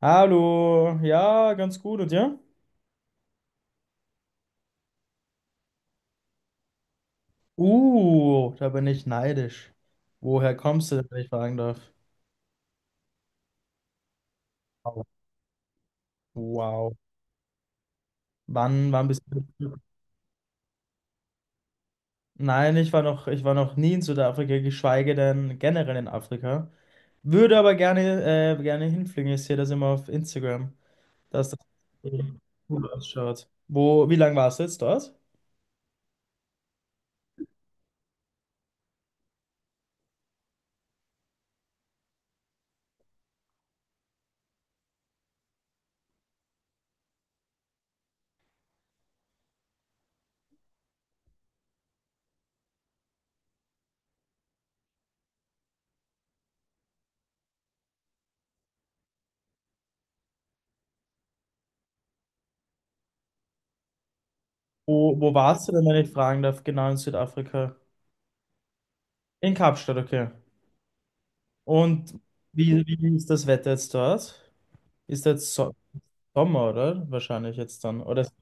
Hallo, ja, ganz gut und dir? Da bin ich neidisch. Woher kommst du denn, wenn ich fragen darf? Wow. Wow. Wann bist du? Nein, ich war noch nie in Südafrika, geschweige denn generell in Afrika. Würde aber gerne, gerne hinfliegen. Ich sehe das immer auf Instagram, dass das gut ausschaut. Wie lange warst du jetzt dort? Wo warst du denn, wenn ich fragen darf? Genau, in Südafrika. In Kapstadt, okay. Und wie ist das Wetter jetzt dort? Ist jetzt so Sommer, oder? Wahrscheinlich jetzt dann. Oder ist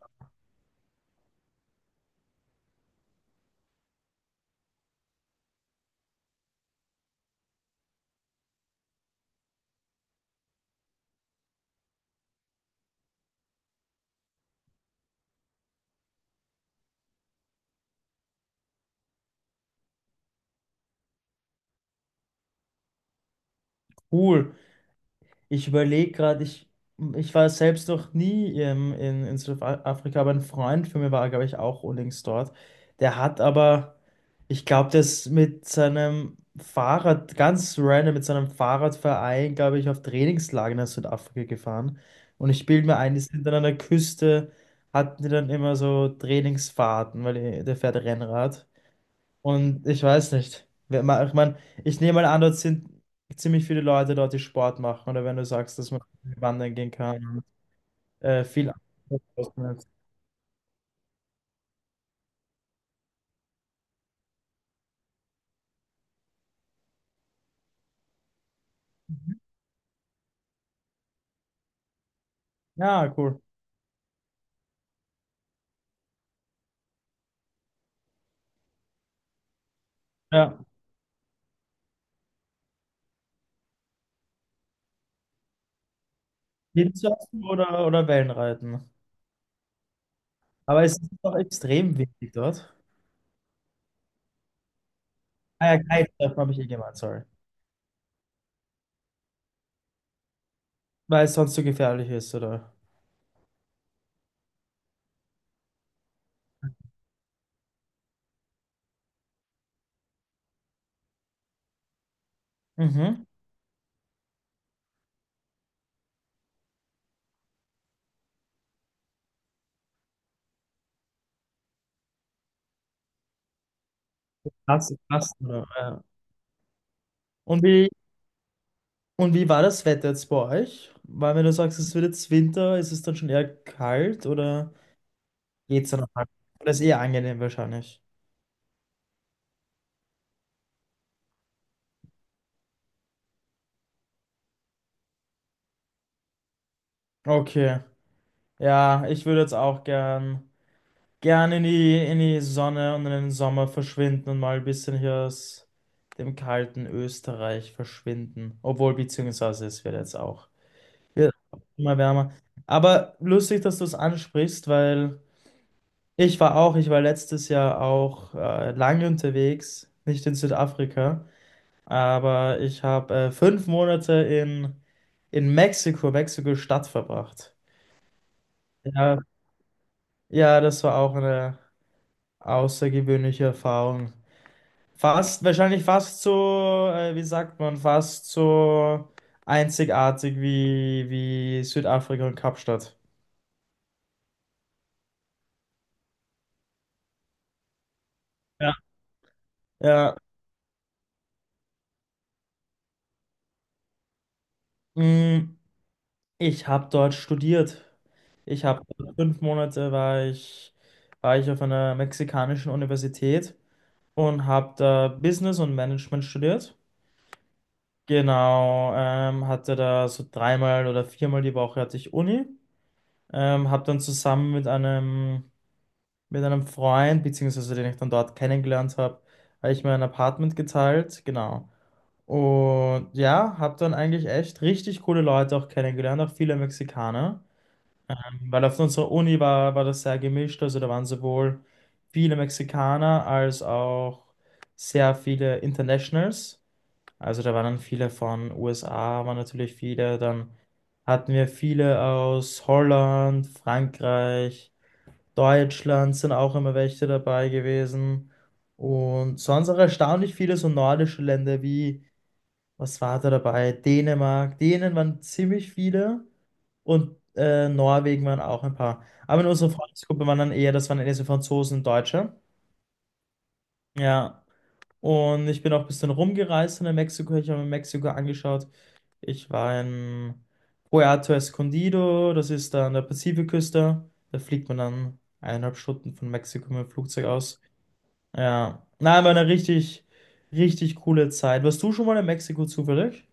cool. Ich überlege gerade, ich war selbst noch nie in Südafrika, aber ein Freund von mir war, glaube ich, auch unlängst dort. Der hat aber, ich glaube, das mit seinem Fahrrad, ganz random, mit seinem Fahrradverein, glaube ich, auf Trainingslager nach Südafrika gefahren. Und ich bilde mir ein, die sind dann an der Küste, hatten die dann immer so Trainingsfahrten, weil der fährt Rennrad. Und ich weiß nicht. Ich meine, ich nehme mal an, dort sind ziemlich viele Leute dort, die Sport machen. Oder wenn du sagst, dass man wandern gehen kann. Viel. Ja, cool. Ja. Windsurfen oder Wellenreiten. Aber es ist doch extrem windig dort. Ah ja, Kitesurfen habe ich eh gemeint, sorry. Weil es sonst so gefährlich ist, oder? Mhm. Krass, passt oder? Ja. Und wie war das Wetter jetzt bei euch? Weil wenn du sagst, es wird jetzt Winter, ist es dann schon eher kalt, oder? Geht's dann noch? Das ist eher angenehm wahrscheinlich. Okay. Ja, ich würde jetzt auch gern, gern in die Sonne und in den Sommer verschwinden und mal ein bisschen hier aus dem kalten Österreich verschwinden. Obwohl, beziehungsweise es wird jetzt auch wird immer wärmer. Aber lustig, dass du es ansprichst, weil ich war auch, ich war letztes Jahr auch lange unterwegs, nicht in Südafrika. Aber ich habe fünf Monate in Mexiko, Mexiko-Stadt verbracht. Ja, ja, das war auch eine außergewöhnliche Erfahrung. Fast, wahrscheinlich fast so, wie sagt man, fast so einzigartig wie Südafrika und Kapstadt. Ja. Ja, mm, ich habe dort studiert. Ich habe fünf Monate war ich auf einer mexikanischen Universität und habe da Business und Management studiert. Genau, hatte da so dreimal oder viermal die Woche hatte ich Uni. Habe dann zusammen mit einem Freund, beziehungsweise den ich dann dort kennengelernt habe, habe ich mir ein Apartment geteilt. Genau. Und ja, habe dann eigentlich echt richtig coole Leute auch kennengelernt, auch viele Mexikaner. Weil auf unserer Uni war, war das sehr gemischt, also da waren sowohl viele Mexikaner als auch sehr viele Internationals. Also da waren dann viele von USA, waren natürlich viele. Dann hatten wir viele aus Holland, Frankreich, Deutschland sind auch immer welche dabei gewesen. Und sonst auch erstaunlich viele so nordische Länder wie, was war da dabei? Dänemark. Dänen waren ziemlich viele und Norwegen waren auch ein paar. Aber in unserer Freundesgruppe waren dann eher, das waren eher so Franzosen und Deutsche. Ja, und ich bin auch ein bisschen rumgereist in Mexiko. Ich habe mir Mexiko angeschaut. Ich war in Puerto Escondido, das ist da an der Pazifikküste. Da fliegt man dann eineinhalb Stunden von Mexiko mit dem Flugzeug aus. Ja, nein, war eine richtig, richtig coole Zeit. Warst du schon mal in Mexiko zufällig?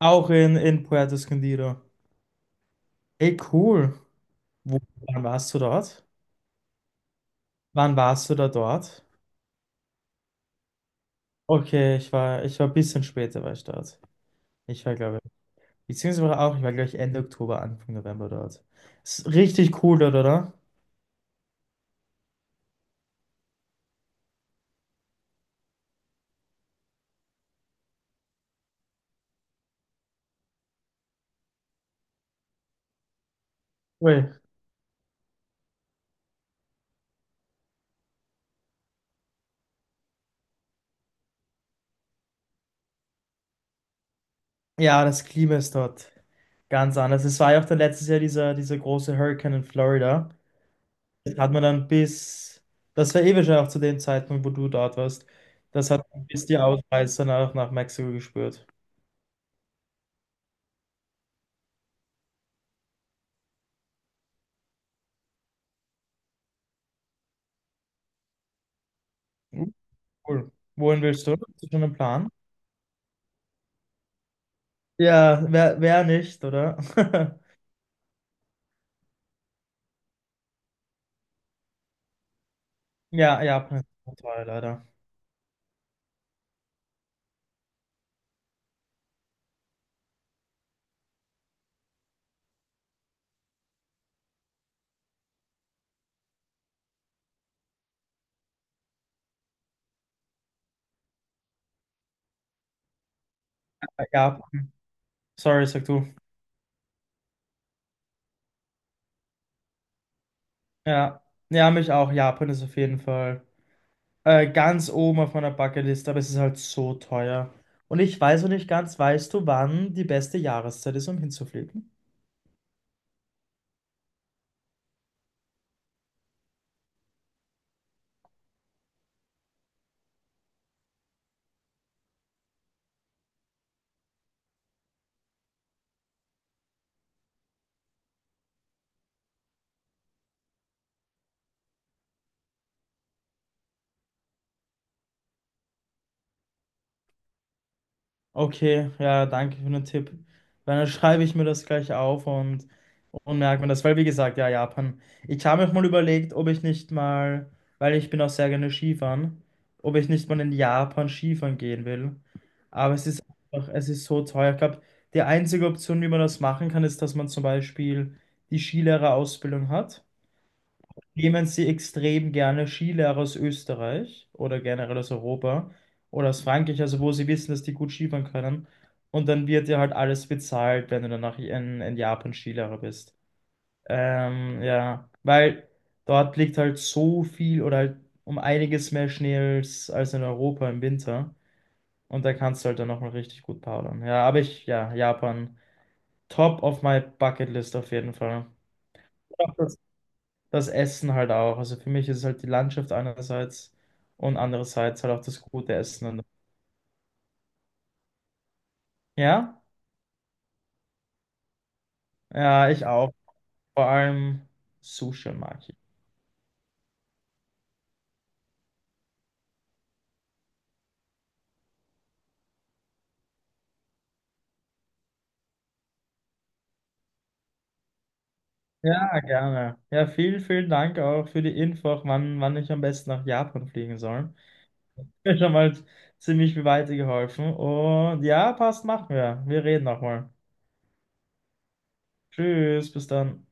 Auch in Puerto Escondido. Ey, cool. Wo, wann warst du dort? Wann warst du da dort? Okay, ich war ein bisschen später war ich dort. Ich war, glaube Beziehungsweise auch, ich war, glaube ich, Ende Oktober, Anfang November dort. Ist richtig cool dort, oder? Cool. Ja, das Klima ist dort ganz anders. Es war ja auch dann letztes Jahr dieser große Hurricane in Florida. Das hat man dann das war eh wahrscheinlich auch zu dem Zeitpunkt, wo du dort warst, das hat man bis die Ausreißer nach Mexiko gespürt. Uh, Cool. Wohin willst du? Hast du schon einen Plan? Ja, wer nicht, oder? Ja, Japan ist toll, leider. Japan. Sorry, sag du. Ja, ja, mich auch. Japan ist auf jeden Fall ganz oben auf meiner Bucketlist, aber es ist halt so teuer. Und ich weiß noch nicht ganz, weißt du, wann die beste Jahreszeit ist, um hinzufliegen? Okay, ja, danke für den Tipp. Dann schreibe ich mir das gleich auf. Und merkt man das, weil wie gesagt, ja, Japan. Ich habe mir auch mal überlegt, ob ich nicht mal, weil ich bin auch sehr gerne Skifahren, ob ich nicht mal in Japan Skifahren gehen will. Aber es ist einfach, es ist so teuer. Ich glaube, die einzige Option, wie man das machen kann, ist, dass man zum Beispiel die Skilehrerausbildung hat. Nehmen Sie extrem gerne Skilehrer aus Österreich oder generell aus Europa oder aus Frankreich, also wo Sie wissen, dass die gut Skifahren können. Und dann wird dir halt alles bezahlt, wenn du danach in Japan Skilehrer bist. Ja, weil dort liegt halt so viel oder halt um einiges mehr Schnee als in Europa im Winter. Und da kannst du halt dann nochmal richtig gut powdern. Ja, aber ich, ja, Japan, top of my bucket list auf jeden Fall. Auch das, das Essen halt auch. Also für mich ist es halt die Landschaft einerseits und andererseits halt auch das gute Essen. Und, ja, ja, ich auch. Vor allem Sushi mag ich. Ja, gerne. Ja, vielen Dank auch für die Info, wann ich am besten nach Japan fliegen soll. Mir schon mal ziemlich weitergeholfen. Und ja, passt, machen wir. Wir reden nochmal. Tschüss, bis dann.